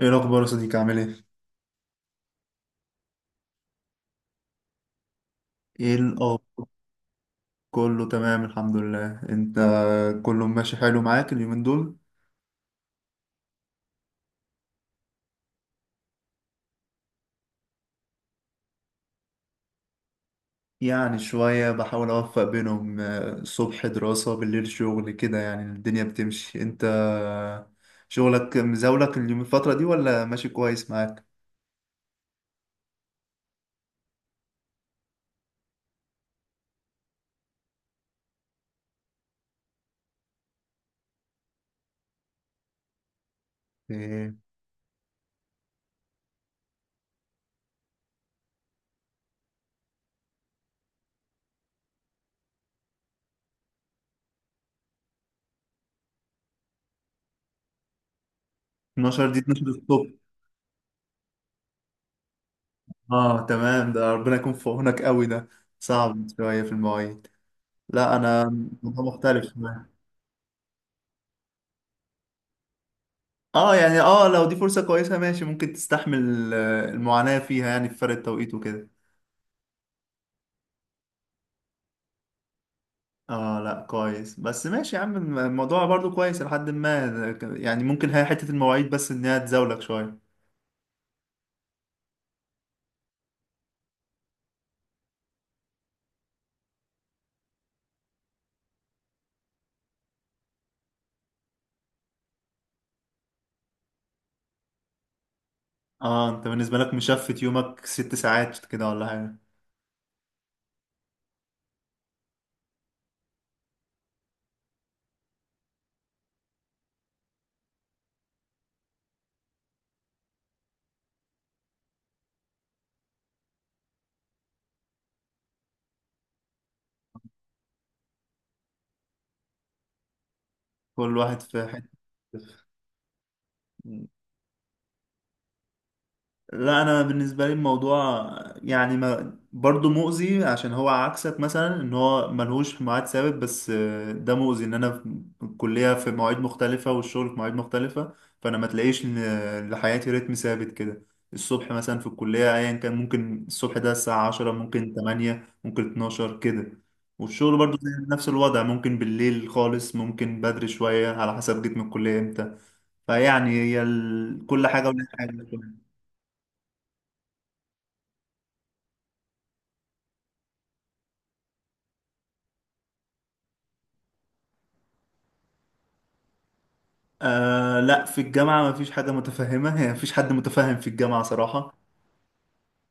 ايه الاخبار يا صديقي، عامل ايه؟ ايه الاخبار؟ كله تمام الحمد لله، انت؟ كله ماشي حلو معاك اليومين دول؟ يعني شوية بحاول اوفق بينهم، الصبح دراسة بالليل شغل، كده يعني الدنيا بتمشي. انت شغلك مزاولك اليوم الفترة دي ولا ماشي كويس معاك؟ إيه، 12 دي 12 الصبح؟ اه تمام، ده ربنا يكون في عونك قوي، ده صعب شوية في المواعيد. لا انا الموضوع مختلف. اه يعني اه لو دي فرصة كويسة ماشي، ممكن تستحمل المعاناة فيها، يعني في فرق التوقيت وكده. اه لا كويس، بس ماشي يا عم، الموضوع برضو كويس لحد ما يعني، ممكن هي حتة المواعيد بس انها تزاولك شوية. اه انت بالنسبة لك مشفت يومك ست ساعات كده ولا حاجة؟ كل واحد في حتة. لا انا بالنسبه لي الموضوع يعني ما برضه مؤذي، عشان هو عكسك مثلا ان هو ملهوش ميعاد ثابت، بس ده مؤذي ان انا في الكليه في مواعيد مختلفه والشغل في مواعيد مختلفه، فانا ما تلاقيش إن لحياتي رتم ثابت كده. الصبح مثلا في الكليه ايا كان ممكن الصبح ده الساعه 10، ممكن 8، ممكن 12 كده. والشغل برضه زي نفس الوضع، ممكن بالليل خالص، ممكن بدري شويه، على حسب جيت من الكليه امتى. فيعني هي كل حاجه ولها حاجه. آه لا في الجامعة ما فيش حاجة متفهمة، يعني ما فيش حد متفهم في الجامعة صراحة.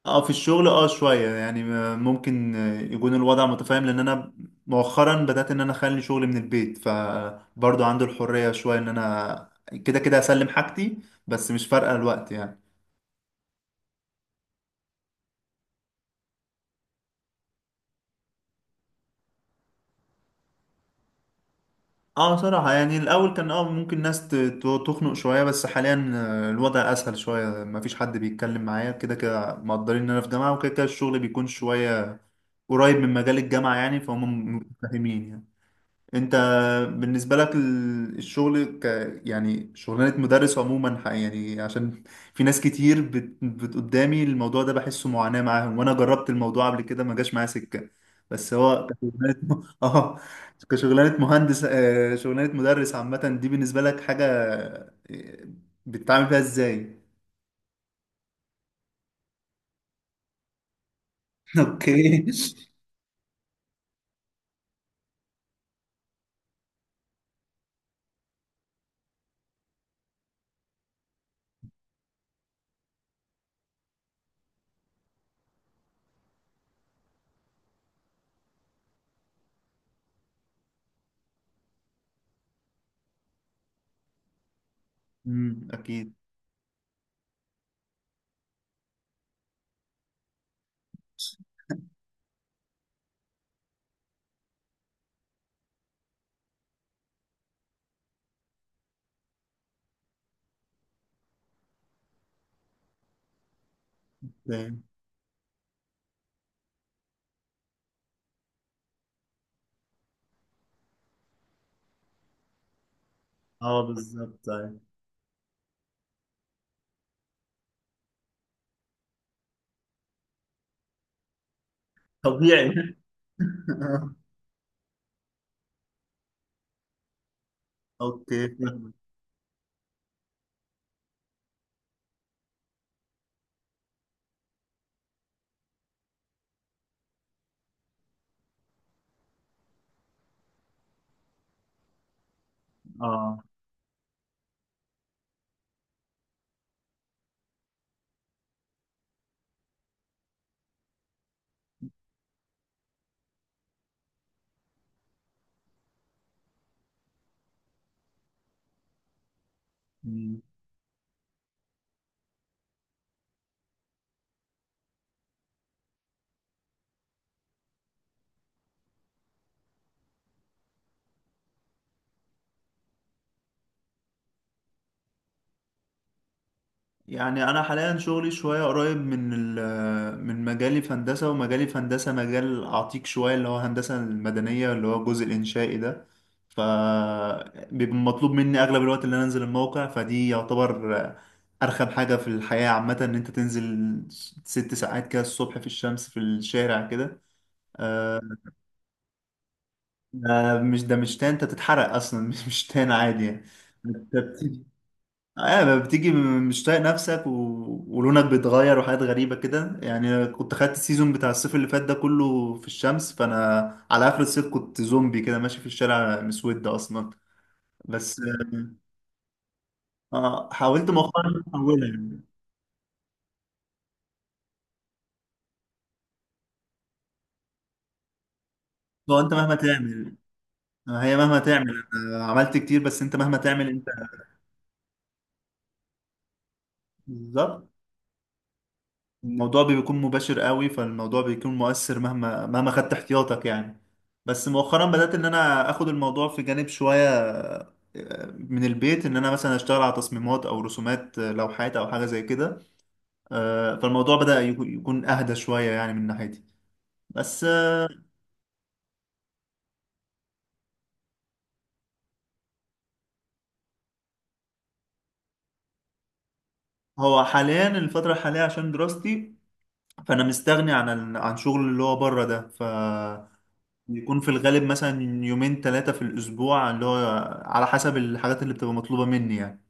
اه في الشغل اه شوية يعني ممكن يكون الوضع متفاهم، لان انا مؤخرا بدأت ان انا اخلي شغلي من البيت، فبرضه عنده الحرية شوية ان انا كده كده اسلم حاجتي، بس مش فارقة الوقت يعني. اه صراحة يعني الأول كان اه ممكن ناس تخنق شوية، بس حاليا الوضع أسهل شوية، مفيش حد بيتكلم معايا، كده كده مقدرين إن أنا في جامعة، وكده كده الشغل بيكون شوية قريب من مجال الجامعة يعني فهم متفاهمين يعني. انت بالنسبه لك الشغل ك يعني شغلانه مدرس عموما يعني عشان في ناس كتير قدامي الموضوع ده بحسه معاناه معاهم، وانا جربت الموضوع قبل كده ما جاش معايا سكه. بس هو كشغلانه اه، كشغلانه مهندس، شغلانه مدرس عامه دي بالنسبه لك حاجه آه، بتتعامل فيها ازاي؟ اوكي. اكيد. فاهم. اه بالظبط طيب. طبيعي اوكي فاهمك. اه يعني انا حاليا شغلي شويه قريب من من مجالي في هندسه، ومجالي في هندسه مجال عتيق شويه اللي هو هندسه المدنيه، اللي هو الجزء الانشائي ده، ف بيبقى مطلوب مني اغلب الوقت اللي انا انزل الموقع، فدي يعتبر ارخم حاجه في الحياه عامه، ان انت تنزل ست ساعات كده الصبح في الشمس في الشارع كده. آه، ده مش تان، انت تتحرق اصلا مش تان عادي يعني. انت اه ما بتيجي مش طايق نفسك ولونك بيتغير وحاجات غريبة كده يعني. كنت خدت السيزون بتاع الصيف اللي فات ده كله في الشمس، فأنا على آخر الصيف كنت زومبي كده ماشي في الشارع مسود أصلا. بس آه حاولت مؤخرا أحولها يعني. هو أنت مهما تعمل، هي مهما تعمل، أنا عملت كتير، بس أنت مهما تعمل أنت بالظبط. الموضوع بيكون مباشر قوي، فالموضوع بيكون مؤثر مهما مهما خدت احتياطك يعني. بس مؤخرا بدأت ان انا اخد الموضوع في جانب شوية من البيت، ان انا مثلا اشتغل على تصميمات او رسومات لوحات او حاجة زي كده. فالموضوع بدأ يكون اهدى شوية يعني من ناحيتي. بس هو حاليا الفترة الحالية عشان دراستي، فانا مستغني عن عن شغل اللي هو بره ده، ف بيكون في الغالب مثلا يومين ثلاثة في الأسبوع، اللي هو على حسب الحاجات اللي بتبقى مطلوبة مني يعني.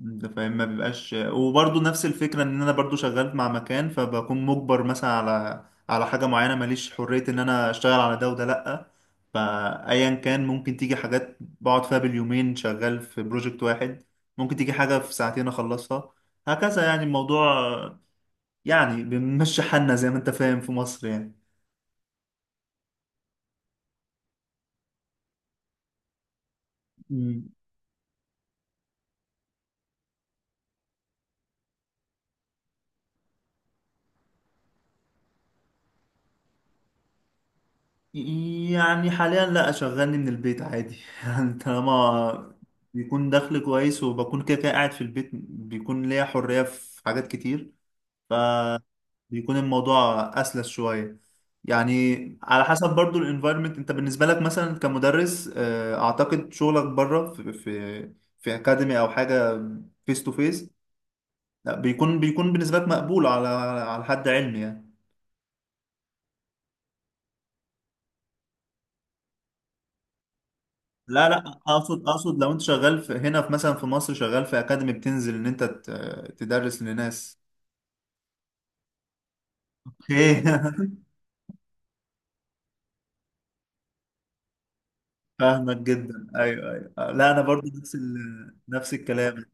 انت فاهم ما بيبقاش، وبرضه نفس الفكره ان انا برضه شغال مع مكان، فبكون مجبر مثلا على حاجه معينه، ماليش حريه ان انا اشتغل على ده وده لا. فايا كان ممكن تيجي حاجات بقعد فيها باليومين شغال في بروجكت واحد، ممكن تيجي حاجه في ساعتين اخلصها، هكذا يعني الموضوع. يعني بنمشي حالنا زي ما انت فاهم في مصر يعني. يعني حاليا لا شغلني من البيت عادي يعني طالما بيكون دخل كويس، وبكون كده كده قاعد في البيت، بيكون ليا حرية في حاجات كتير، فبيكون الموضوع أسلس شوية يعني. على حسب برضو الانفايرمنت. انت بالنسبة لك مثلا كمدرس، اعتقد شغلك بره في في اكاديمي او حاجة فيس تو فيس. لا بيكون بالنسبة لك مقبول على حد علمي يعني. لا لا، اقصد لو انت شغال في هنا في مثلا في مصر، شغال في اكاديمي بتنزل ان انت تدرس لناس. اوكي فاهمك جدا، ايوه ايوه، لا انا برضو نفس نفس الكلام.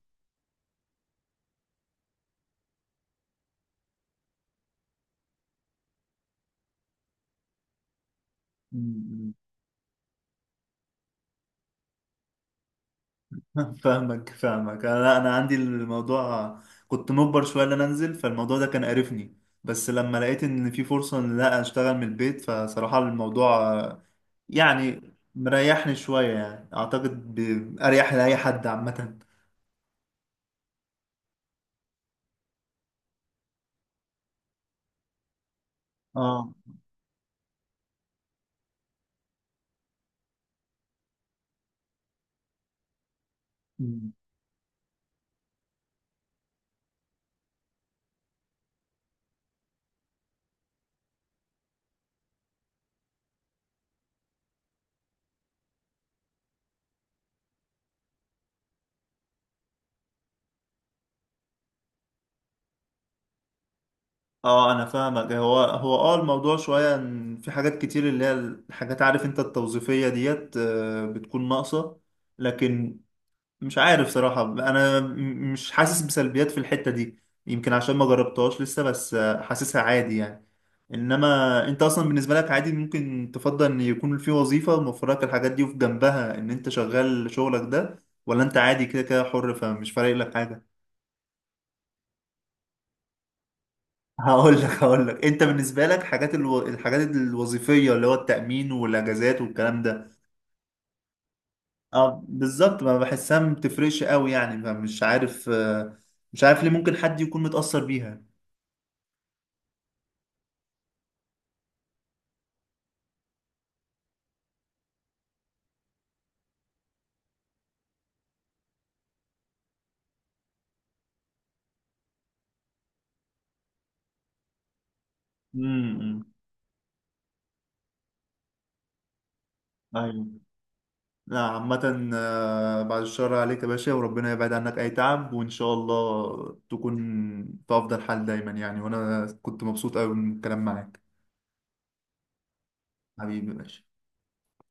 م- م. فاهمك فاهمك، انا عندي الموضوع، كنت مجبر شويه ان انا انزل، فالموضوع ده كان قرفني. بس لما لقيت ان في فرصه ان لا اشتغل من البيت، فصراحه الموضوع يعني مريحني شويه يعني، اعتقد اريح لاي حد عامه. اه اه انا فاهمك. هو هو اه الموضوع شويه ان في حاجات كتير، اللي هي الحاجات عارف انت التوظيفيه ديت، بتكون ناقصه. لكن مش عارف صراحه انا مش حاسس بسلبيات في الحته دي، يمكن عشان ما جربتهاش لسه، بس حاسسها عادي يعني. انما انت اصلا بالنسبه لك عادي، ممكن تفضل ان يكون في وظيفه موفر لك الحاجات دي وفي جنبها ان انت شغال شغلك ده، ولا انت عادي كده كده حر فمش فارق لك حاجه؟ هقول لك انت بالنسبه لك حاجات الحاجات الوظيفيه اللي هو التامين والاجازات والكلام ده. اه بالظبط ما بحسها، ما بتفرقش قوي يعني، فمش عارف مش عارف ليه ممكن حد يكون متاثر بيها. امم ايوه. لا عامه بعد الشر عليك يا باشا، وربنا يبعد عنك اي تعب، وان شاء الله تكون في افضل حال دايما يعني، وانا كنت مبسوط قوي من الكلام معاك. حبيبي يا باشا.